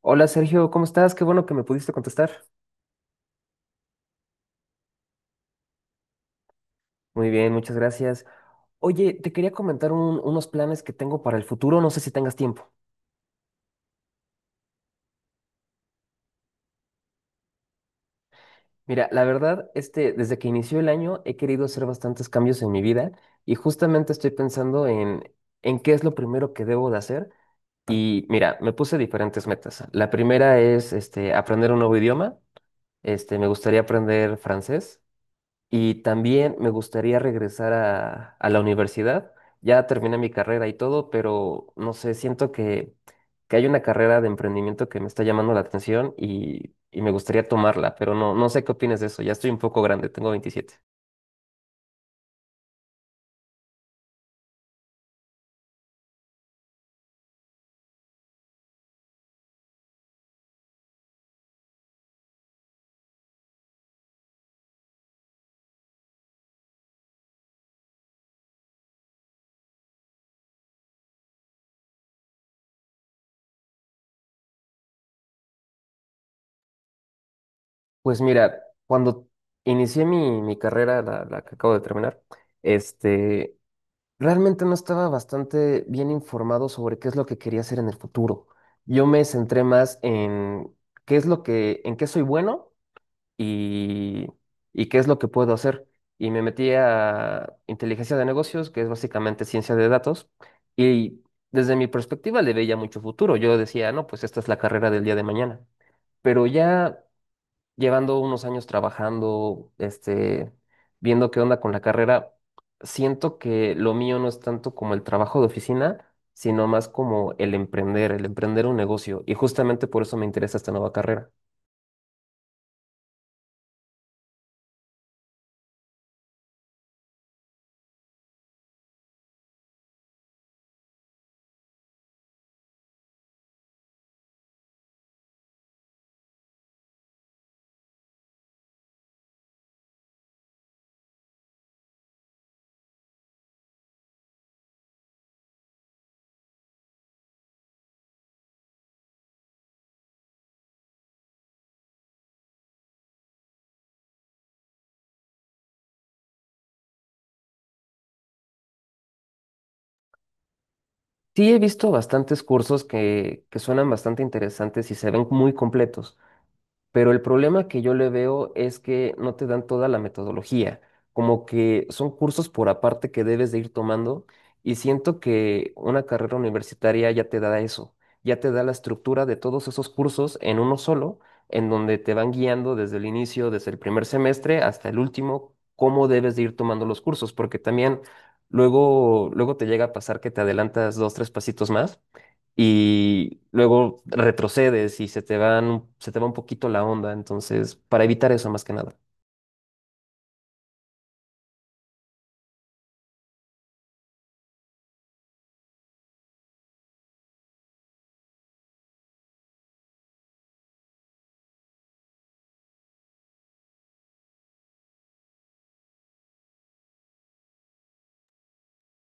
Hola Sergio, ¿cómo estás? Qué bueno que me pudiste contestar. Muy bien, muchas gracias. Oye, te quería comentar unos planes que tengo para el futuro, no sé si tengas tiempo. Mira, la verdad, desde que inició el año he querido hacer bastantes cambios en mi vida y justamente estoy pensando en qué es lo primero que debo de hacer. Y mira, me puse diferentes metas. La primera es este, aprender un nuevo idioma. Me gustaría aprender francés. Y también me gustaría regresar a la universidad. Ya terminé mi carrera y todo, pero no sé, siento que hay una carrera de emprendimiento que me está llamando la atención y me gustaría tomarla, pero no, no sé qué opinas de eso. Ya estoy un poco grande, tengo 27. Pues mira, cuando inicié mi carrera, la que acabo de terminar, este, realmente no estaba bastante bien informado sobre qué es lo que quería hacer en el futuro. Yo me centré más en qué es lo que, en qué soy bueno y, y qué es lo que puedo hacer. Y me metí a inteligencia de negocios, que es básicamente ciencia de datos, y desde mi perspectiva le veía mucho futuro. Yo decía, no, pues esta es la carrera del día de mañana. Pero ya llevando unos años trabajando, viendo qué onda con la carrera, siento que lo mío no es tanto como el trabajo de oficina, sino más como el emprender un negocio. Y justamente por eso me interesa esta nueva carrera. Sí, he visto bastantes cursos que suenan bastante interesantes y se ven muy completos. Pero el problema que yo le veo es que no te dan toda la metodología, como que son cursos por aparte que debes de ir tomando y siento que una carrera universitaria ya te da eso, ya te da la estructura de todos esos cursos en uno solo, en donde te van guiando desde el inicio, desde el primer semestre hasta el último, cómo debes de ir tomando los cursos, porque también luego, luego te llega a pasar que te adelantas dos, tres pasitos más y luego retrocedes y se te van, se te va un poquito la onda, entonces, para evitar eso más que nada.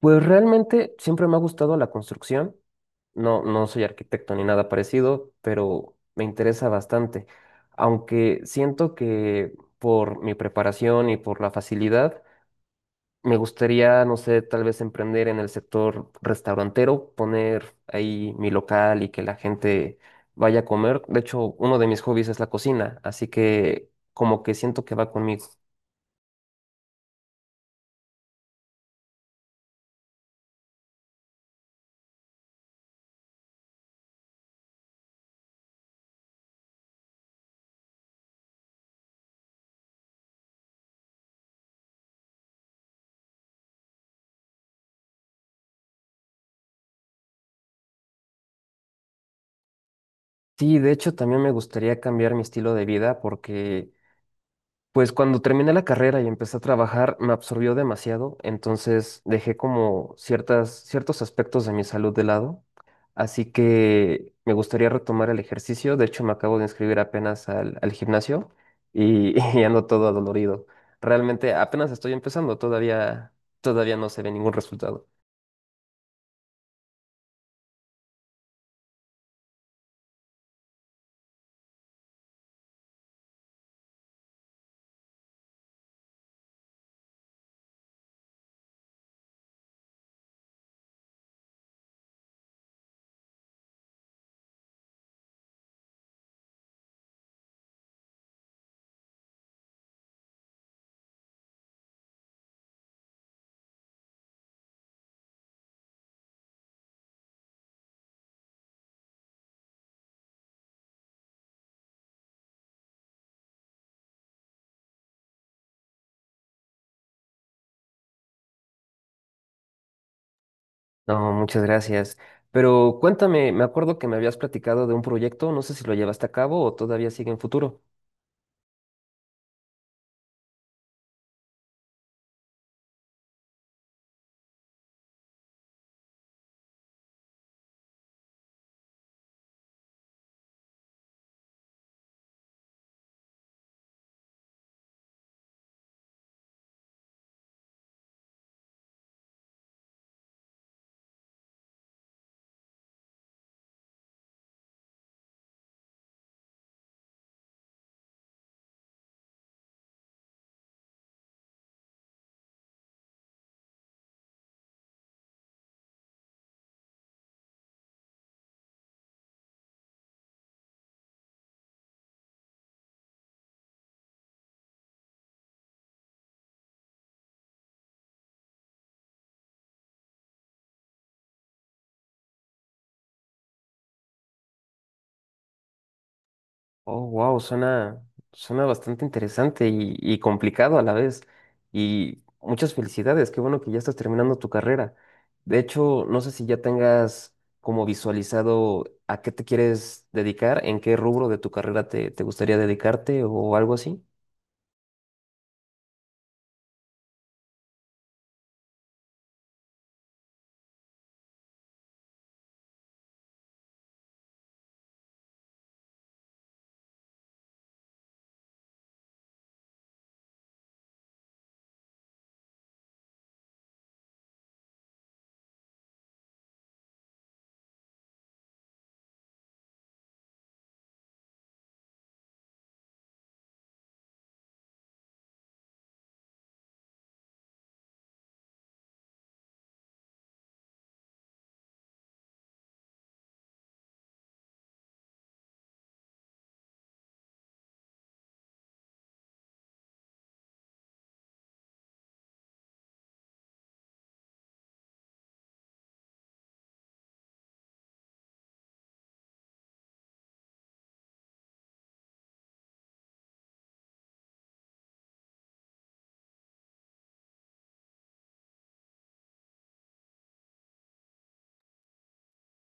Pues realmente siempre me ha gustado la construcción. No, no soy arquitecto ni nada parecido, pero me interesa bastante. Aunque siento que por mi preparación y por la facilidad, me gustaría, no sé, tal vez emprender en el sector restaurantero, poner ahí mi local y que la gente vaya a comer. De hecho, uno de mis hobbies es la cocina, así que como que siento que va conmigo. Sí, de hecho, también me gustaría cambiar mi estilo de vida porque pues cuando terminé la carrera y empecé a trabajar, me absorbió demasiado, entonces dejé como ciertos aspectos de mi salud de lado. Así que me gustaría retomar el ejercicio. De hecho, me acabo de inscribir apenas al gimnasio y, y ando todo adolorido. Realmente apenas estoy empezando, todavía no se ve ningún resultado. No, muchas gracias. Pero cuéntame, me acuerdo que me habías platicado de un proyecto, no sé si lo llevaste a cabo o todavía sigue en futuro. Oh, wow, suena bastante interesante y complicado a la vez. Y muchas felicidades, qué bueno que ya estás terminando tu carrera. De hecho, no sé si ya tengas como visualizado a qué te quieres dedicar, en qué rubro de tu carrera te gustaría dedicarte o algo así.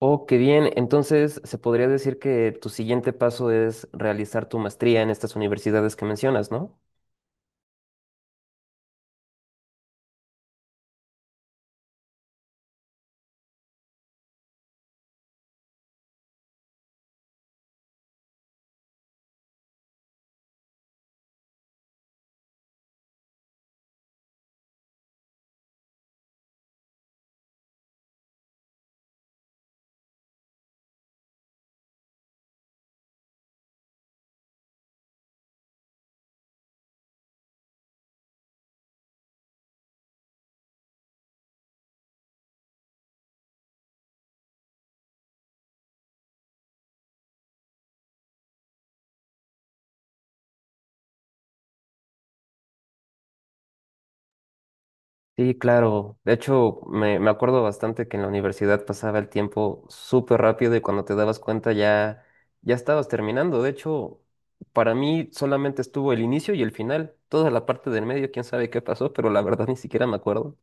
Oh, qué bien. Entonces, se podría decir que tu siguiente paso es realizar tu maestría en estas universidades que mencionas, ¿no? Sí, claro. De hecho, me acuerdo bastante que en la universidad pasaba el tiempo súper rápido y cuando te dabas cuenta ya, ya estabas terminando. De hecho, para mí solamente estuvo el inicio y el final. Toda la parte del medio, quién sabe qué pasó, pero la verdad ni siquiera me acuerdo.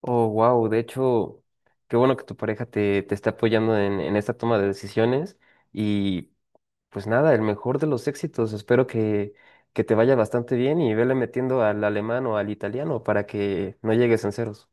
Oh, wow. De hecho, qué bueno que tu pareja te está apoyando en esta toma de decisiones. Y pues nada, el mejor de los éxitos. Espero que te vaya bastante bien y vele metiendo al alemán o al italiano para que no llegues en ceros.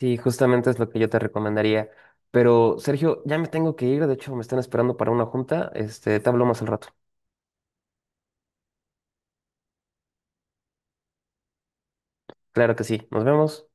Sí, justamente es lo que yo te recomendaría. Pero, Sergio, ya me tengo que ir. De hecho, me están esperando para una junta. Este, te hablo más al rato. Claro que sí. Nos vemos.